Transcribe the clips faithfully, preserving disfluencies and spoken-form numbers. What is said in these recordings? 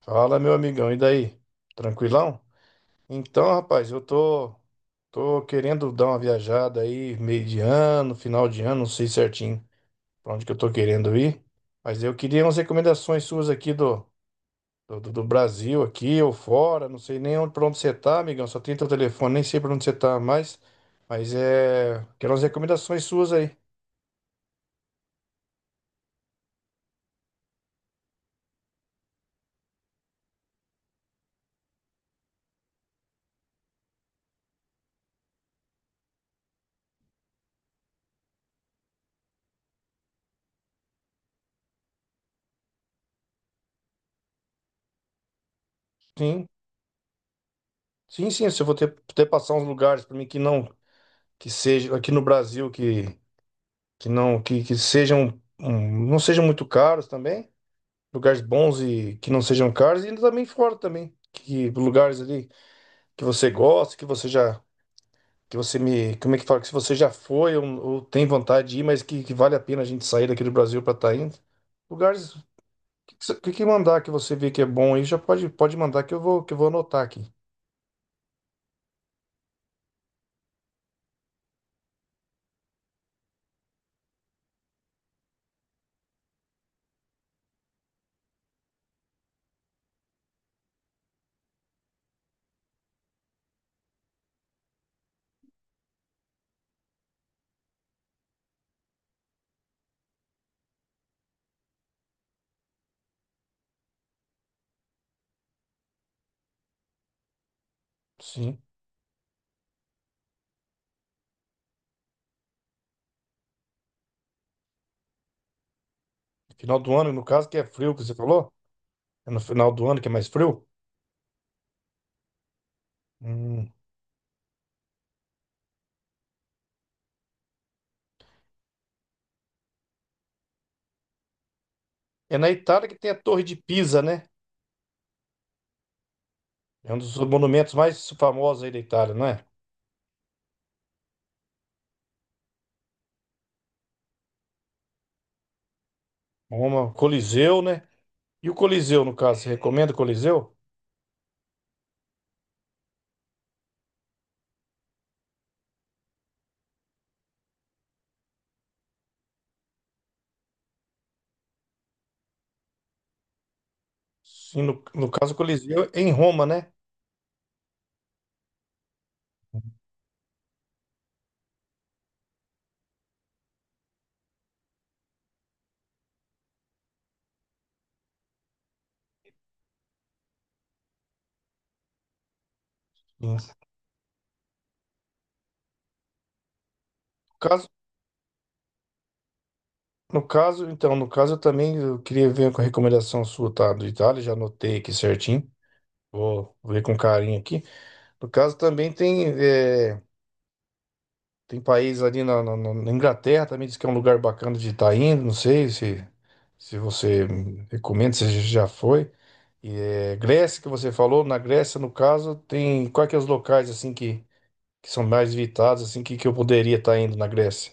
Fala, meu amigão, e daí? Tranquilão? Então, rapaz, eu tô, tô querendo dar uma viajada aí, meio de ano, final de ano, não sei certinho pra onde que eu tô querendo ir, mas eu queria umas recomendações suas aqui do, do, do Brasil, aqui ou fora, não sei nem onde, pra onde você tá, amigão, só tem teu telefone, nem sei pra onde você tá mais, mas é, quero umas recomendações suas aí. Sim, sim, sim, se eu vou ter, ter passar uns lugares pra mim que não, que seja aqui no Brasil, que que não que, que sejam hum, não sejam muito caros também, lugares bons e que não sejam caros e também fora também, que lugares ali que você gosta, que você já que você me, como é que fala, que se você já foi ou, ou tem vontade de ir, mas que, que vale a pena a gente sair daqui do Brasil para estar indo. Lugares que, que, você- que mandar que você vê que é bom aí, já pode pode mandar que eu vou que eu vou anotar aqui. Sim. Final do ano, no caso, que é frio que você falou? É no final do ano que é mais frio? Hum. É na Itália que tem a Torre de Pisa, né? É um dos monumentos mais famosos aí da Itália, não é? Roma, Coliseu, né? E o Coliseu, no caso, você recomenda o Coliseu? Sim, no, no caso, o Coliseu é em Roma, né? Sim. No caso, no caso, então, no caso, eu também eu queria ver com a recomendação sua, tá? Do Itália, já anotei aqui certinho. Vou ver com carinho aqui. No caso, também tem, é, tem país ali na, na- na- na Inglaterra, também diz que é um lugar bacana de estar indo. Não sei se, se você recomenda, se já foi. E, é, Grécia, que você falou, na Grécia, no caso, tem quais que é os locais assim que, que são mais visitados, assim, que, que eu poderia estar indo na Grécia?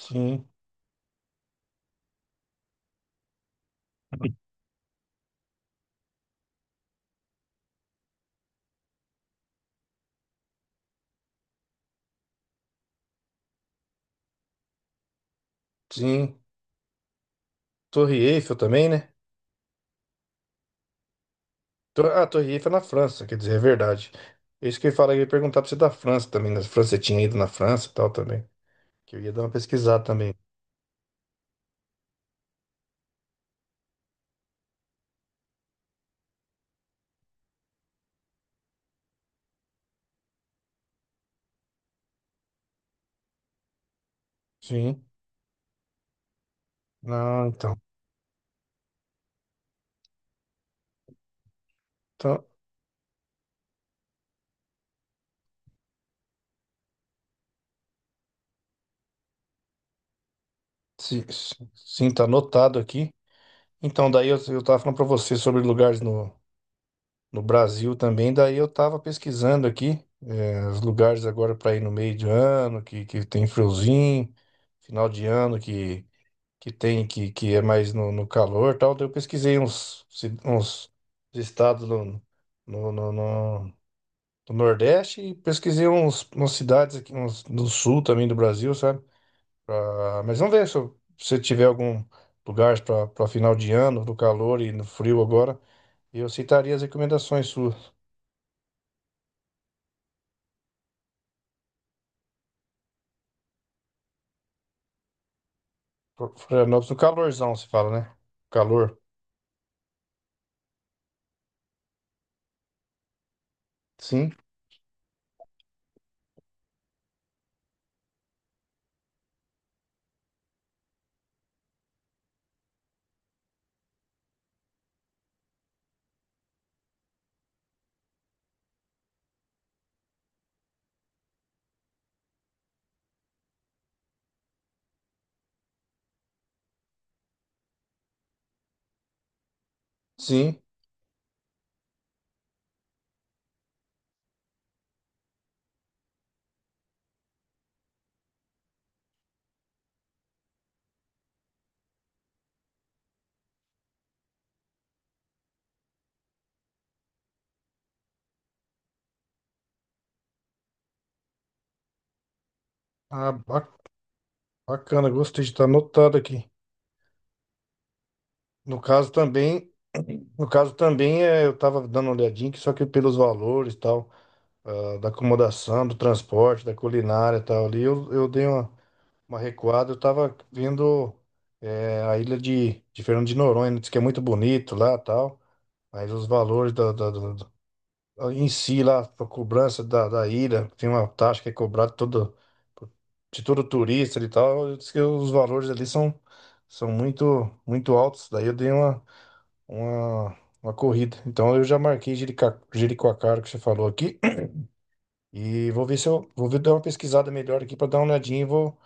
Sim, sim. Torre Eiffel também, né? Tor- Ah, Torre Eiffel é na França, quer dizer, é verdade. É isso que eu ia falar, eu ia perguntar pra você da França também, na França, você tinha ido na França e tal também, que eu ia dar uma pesquisada também. Sim. Não, então. Então, sim, sim, tá anotado aqui. Então, daí eu, eu tava falando pra você sobre lugares no, no Brasil também. Daí eu tava pesquisando aqui eh, os lugares agora para ir no meio de ano, que, que tem friozinho, final de ano que, que tem que, que é mais no, no calor e tal. Daí eu pesquisei uns, ci- uns estados no, no, no, no- do Nordeste e pesquisei uns, umas cidades aqui uns, do sul também do Brasil, sabe? Pra- mas vamos ver se eu- se você tiver algum lugar para final de ano, no calor e no frio agora, eu aceitaria as recomendações suas. Flo- Florianópolis, no calorzão, se fala, né? Calor. Sim, sim. Ah, ba- bacana, gostei de estar anotado aqui. No caso também, no caso também é, eu tava dando uma olhadinha, que só que pelos valores e tal, ah, da acomodação, do transporte, da culinária e tal ali, eu, eu dei uma, uma recuada, eu tava vendo é, a ilha de, de Fernando de Noronha, né? Diz que é muito bonito lá e tal, mas os valores da, da- em si lá para cobrança da, da ilha, tem uma taxa que é cobrada todo, de todo turista e tal, diz que os valores ali são, são muito muito altos, daí eu dei uma, uma, uma corrida. Então eu já marquei Jerica- Jericoacoara que você falou aqui e vou ver se eu vou ver dar uma pesquisada melhor aqui para dar uma olhadinha e vou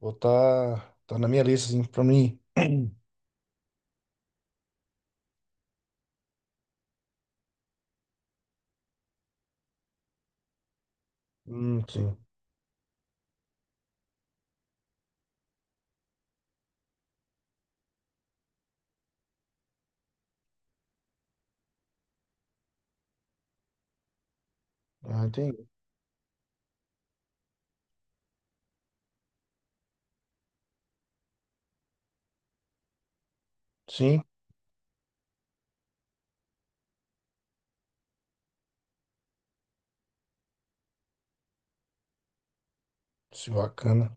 vou tá, tá na minha lista assim para mim. Hum, sim. Ah, entendi. Sim, isso é bacana.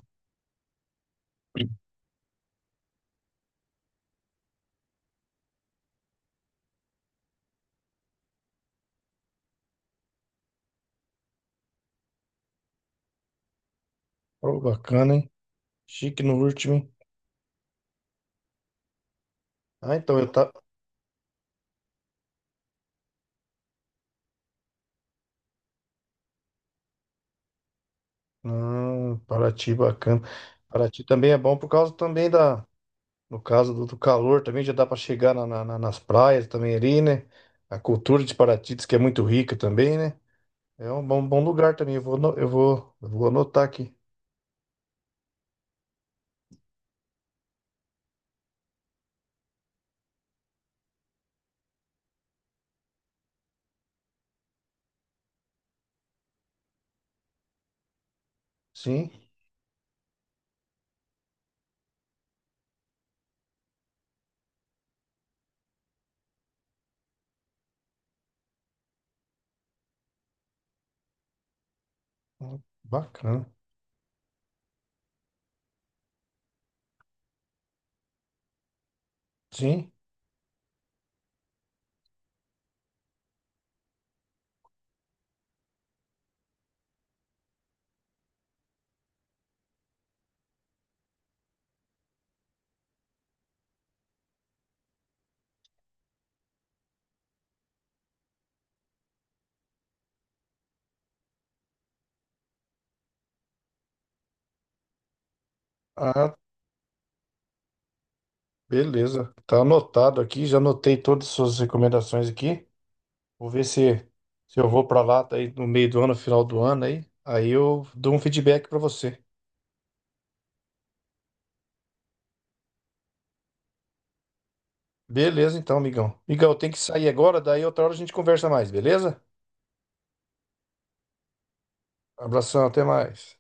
Ô, bacana, hein? Chique no último, hein? Ah, então eu tava. Hum, Paraty, bacana. Paraty também é bom por causa também da, no caso do, do calor, também já dá para chegar na- na- na- nas praias também ali, né? A cultura de Paraty diz que é muito rica também, né? É um bom, bom lugar também. Eu vou, ano- eu vou, eu vou anotar aqui. Sim, hum, bacana. Sim. Ah, beleza. Tá anotado aqui. Já anotei todas as suas recomendações aqui. Vou ver se, se eu vou para lá tá aí no meio do ano, final do ano aí. Aí eu dou um feedback para você. Beleza, então, amigão. Amigão, eu tenho que sair agora, daí outra hora a gente conversa mais, beleza? Abração, até mais.